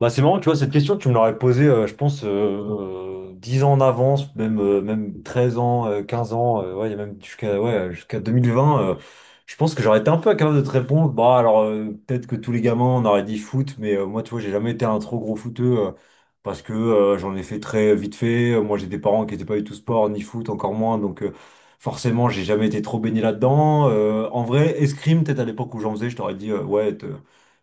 Bah, c'est marrant, tu vois, cette question, tu me l'aurais posée, je pense, 10 ans en avance, même, même 13 ans, 15 ans, ouais, il y a même jusqu'à ouais, jusqu'à 2020. Je pense que j'aurais été un peu capable de te répondre. Bah, alors, peut-être que tous les gamins, on aurait dit foot, mais moi, tu vois, j'ai jamais été un trop gros footeux parce que j'en ai fait très vite fait. Moi, j'ai des parents qui n'étaient pas du tout sport, ni foot, encore moins. Donc, forcément, j'ai jamais été trop baigné là-dedans. En vrai, escrime, peut-être à l'époque où j'en faisais, je t'aurais dit, ouais,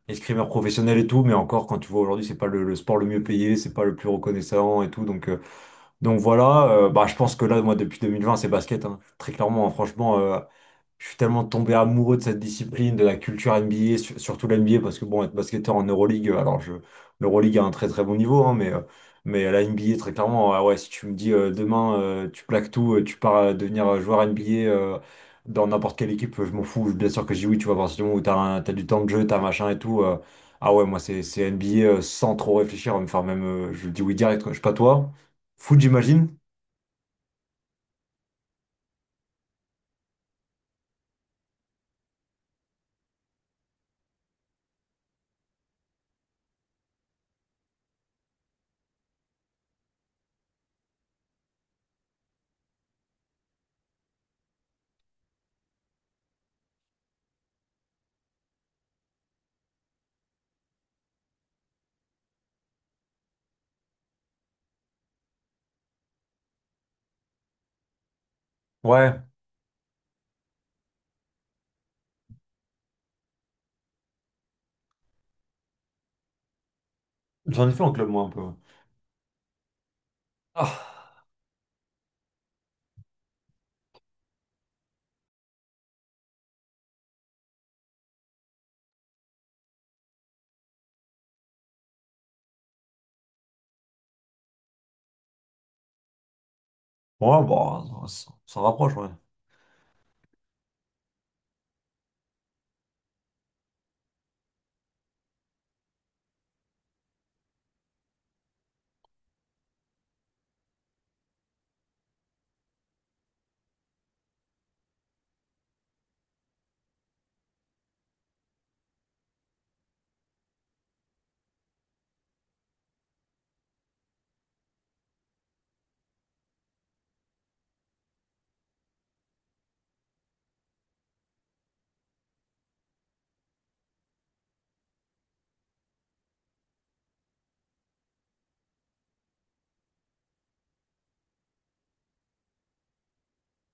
escrimeur professionnel et tout, mais encore quand tu vois aujourd'hui, c'est pas le sport le mieux payé, c'est pas le plus reconnaissant et tout. Donc, voilà, bah, je pense que là, moi, depuis 2020, c'est basket, hein. Très clairement, hein, franchement, je suis tellement tombé amoureux de cette discipline, de la culture NBA, surtout l'NBA, parce que bon, être basketteur en Euroleague, l'Euroleague a un très très bon niveau, hein, mais à la NBA, très clairement, ah ouais, si tu me dis demain, tu plaques tout, tu pars devenir joueur NBA euh, dans n'importe quelle équipe, je m'en fous, bien sûr que je dis oui, tu vois, à partir du moment où t'as du temps de jeu, t'as machin et tout, ah ouais, moi c'est NBA sans trop réfléchir, enfin même, je dis oui direct, quoi. Je sais pas toi. Foot, j'imagine? Ouais, j'en ai fait en club, moi, un peu. Ah. Ouais, bah, ça rapproche, ouais.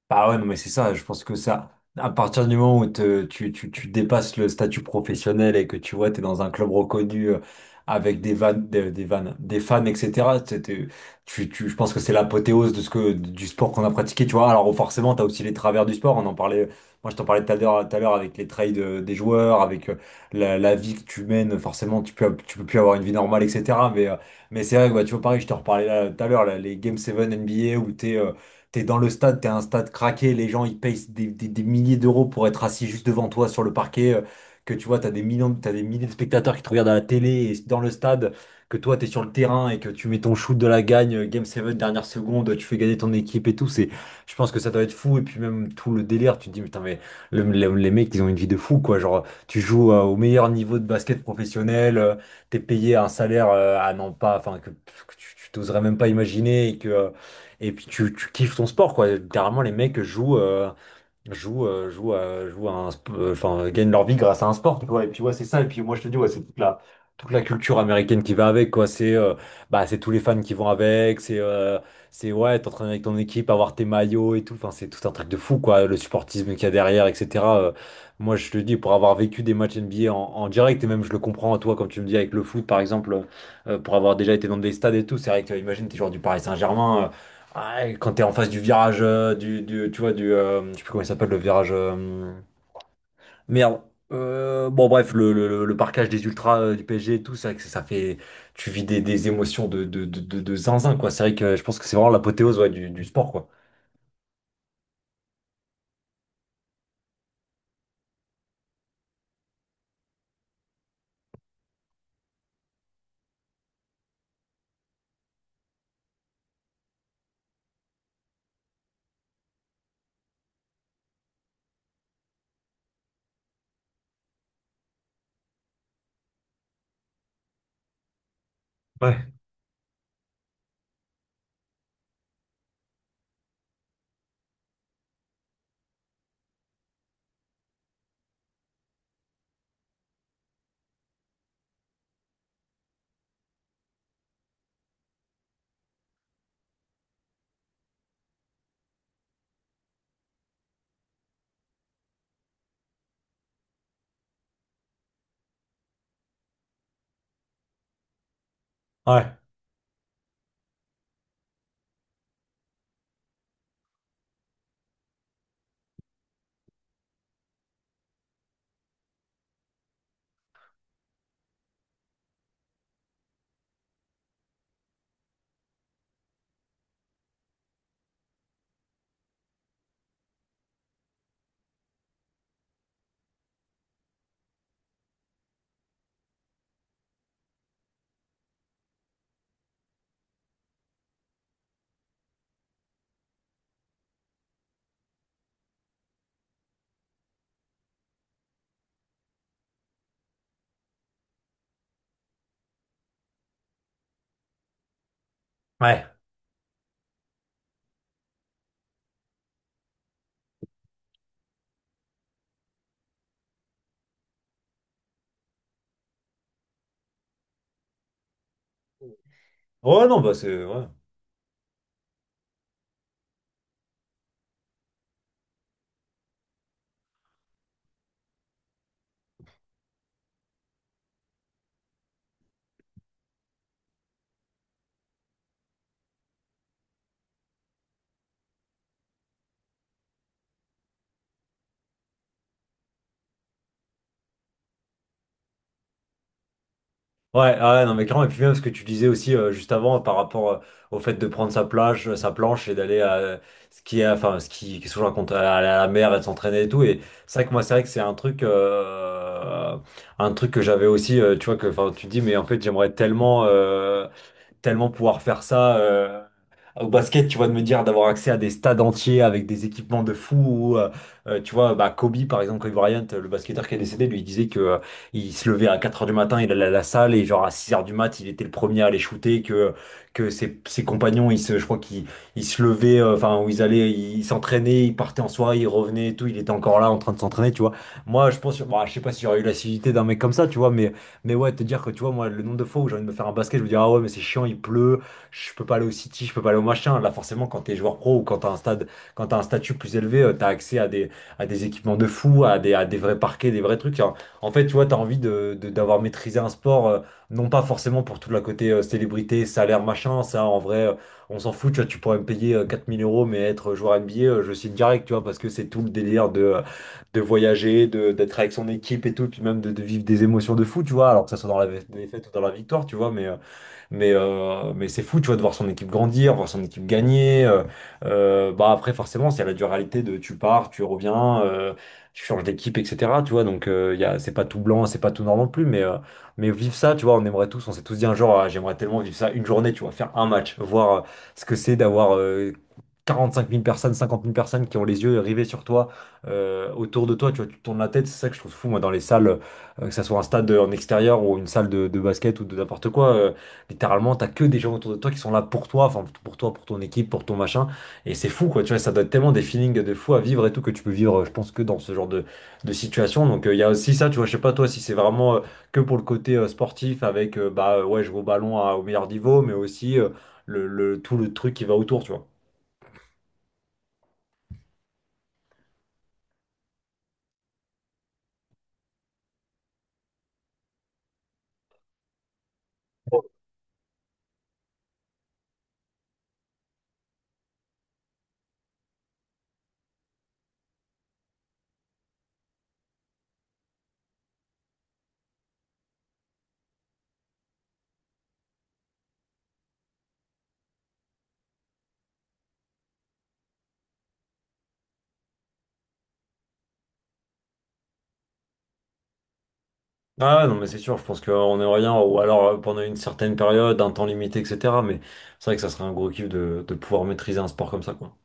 Bah ouais, non, mais c'est ça, je pense que ça, à partir du moment où tu dépasses le statut professionnel et que tu vois, t'es dans un club reconnu avec des vannes, des fans, etc., je pense que c'est l'apothéose de ce que, du sport qu'on a pratiqué, tu vois. Alors forcément, t'as aussi les travers du sport, on en parlait, moi je t'en parlais tout à l'heure, avec les trades des joueurs, avec la vie que tu mènes, forcément, tu peux plus avoir une vie normale, etc. Mais c'est vrai, que, ouais, tu vois, pareil, je t'en reparlais là tout à l'heure, là, les Game 7 NBA où t'es. T'es dans le stade, t'es un stade craqué, les gens ils payent des milliers d'euros pour être assis juste devant toi sur le parquet, que tu vois, t'as des millions, t'as des milliers de spectateurs qui te regardent à la télé et dans le stade, que toi t'es sur le terrain et que tu mets ton shoot de la gagne, Game 7, dernière seconde, tu fais gagner ton équipe et tout, c'est, je pense que ça doit être fou. Et puis même tout le délire, tu te dis, putain, mais les mecs, ils ont une vie de fou, quoi. Genre, tu joues au meilleur niveau de basket professionnel, t'es payé un salaire à non pas, enfin, que tu t'oserais même pas imaginer et que. Et puis tu kiffes ton sport, quoi. Littéralement, les mecs jouent, enfin, gagnent leur vie grâce à un sport, quoi. Et puis ouais, c'est ça. Et puis moi, je te dis, ouais, c'est toute la culture américaine qui va avec, quoi. C'est, bah, c'est tous les fans qui vont avec. C'est ouais, t'entraîner avec ton équipe, avoir tes maillots et tout. Enfin, c'est tout un truc de fou, quoi. Le supportisme qu'il y a derrière, etc. Moi, je te dis, pour avoir vécu des matchs NBA en direct, et même je le comprends, toi, quand tu me dis avec le foot, par exemple, pour avoir déjà été dans des stades et tout, c'est vrai que, imagine, t'es joueur du Paris Saint-Germain. Ah, et quand t'es en face du virage, tu vois, je sais plus comment il s'appelle, le virage. Merde. Bon, bref, le parquage des ultras du PSG et tout, c'est vrai que ça fait. Tu vis des émotions de zinzin, quoi. C'est vrai que je pense que c'est vraiment l'apothéose ouais, du sport, quoi. Ouais. Ouais. Ouais. Ouais, non, bah c'est. Ouais. Ouais, ah ouais, non, mais clairement, et puis même ce que tu disais aussi juste avant par rapport au fait de prendre sa plage, sa planche et d'aller à ce qui est, enfin, ce qui, qu'est-ce que je raconte, à aller à la mer et de s'entraîner et tout. Et c'est vrai que moi, c'est vrai que c'est un truc que j'avais aussi, tu vois, que, enfin, tu te dis, mais en fait, j'aimerais tellement, tellement pouvoir faire ça au basket, tu vois, de me dire d'avoir accès à des stades entiers avec des équipements de fou. Ou, tu vois, bah, Kobe, par exemple, Kobe Bryant, le basketteur qui est décédé, lui il disait que il se levait à 4 heures du matin, il allait à la salle et genre à 6 heures du mat, il était le premier à aller shooter, que, ses compagnons, je crois qu'ils ils se levaient, enfin, où ils allaient, ils s'entraînaient, ils partaient en soirée, ils revenaient et tout, il était encore là en train de s'entraîner, tu vois. Moi, je pense, bah, je sais pas si j'aurais eu l'assiduité d'un mec comme ça, tu vois, mais ouais, te dire que tu vois, moi, le nombre de fois où j'ai envie de me faire un basket, je me dis, ah ouais, mais c'est chiant, il pleut, je peux pas aller au City, je peux pas aller au machin. Là, forcément, quand t'es joueur pro ou quand t'as un stade, quand t'as un statut plus élevé, t'as accès à des équipements de fou, à des vrais parquets, des vrais trucs. En fait, tu vois, t'as envie d'avoir maîtrisé un sport, non pas forcément pour tout le côté célébrité, salaire, machin. Ça, en vrai, on s'en fout, tu vois, tu pourrais me payer 4000 euros, mais être joueur NBA, je signe direct, tu vois, parce que c'est tout le délire de. De voyager, d'être avec son équipe et tout, puis même de vivre des émotions de fou, tu vois, alors que ça soit dans la défaite ou dans la victoire, tu vois, mais mais c'est fou, tu vois, de voir son équipe grandir, voir son équipe gagner. Bah après, forcément, c'est la dualité de tu pars, tu reviens, tu changes d'équipe, etc. Tu vois, donc y a, c'est pas tout blanc, c'est pas tout noir non plus, mais vivre ça, tu vois, on aimerait tous, on s'est tous dit un jour, ah, j'aimerais tellement vivre ça une journée, tu vois, faire un match, voir ce que c'est d'avoir 45 000 personnes, 50 000 personnes qui ont les yeux rivés sur toi, autour de toi, tu vois, tu tournes la tête, c'est ça que je trouve fou, moi, dans les salles, que ça soit un stade en extérieur ou une salle de basket ou de n'importe quoi. Littéralement, t'as que des gens autour de toi qui sont là pour toi, enfin pour toi, pour ton équipe, pour ton machin. Et c'est fou, quoi. Tu vois, ça doit être tellement des feelings de fou à vivre et tout que tu peux vivre, je pense, que dans ce genre de situation. Donc, il y a aussi ça, tu vois. Je sais pas, toi, si c'est vraiment que pour le côté sportif avec, bah, ouais, je vais au ballon au meilleur niveau, mais aussi tout le truc qui va autour, tu vois. Ah ouais, non, mais c'est sûr, je pense qu'on est rien, ou alors pendant une certaine période, un temps limité, etc. Mais c'est vrai que ça serait un gros kiff de pouvoir maîtriser un sport comme ça, quoi.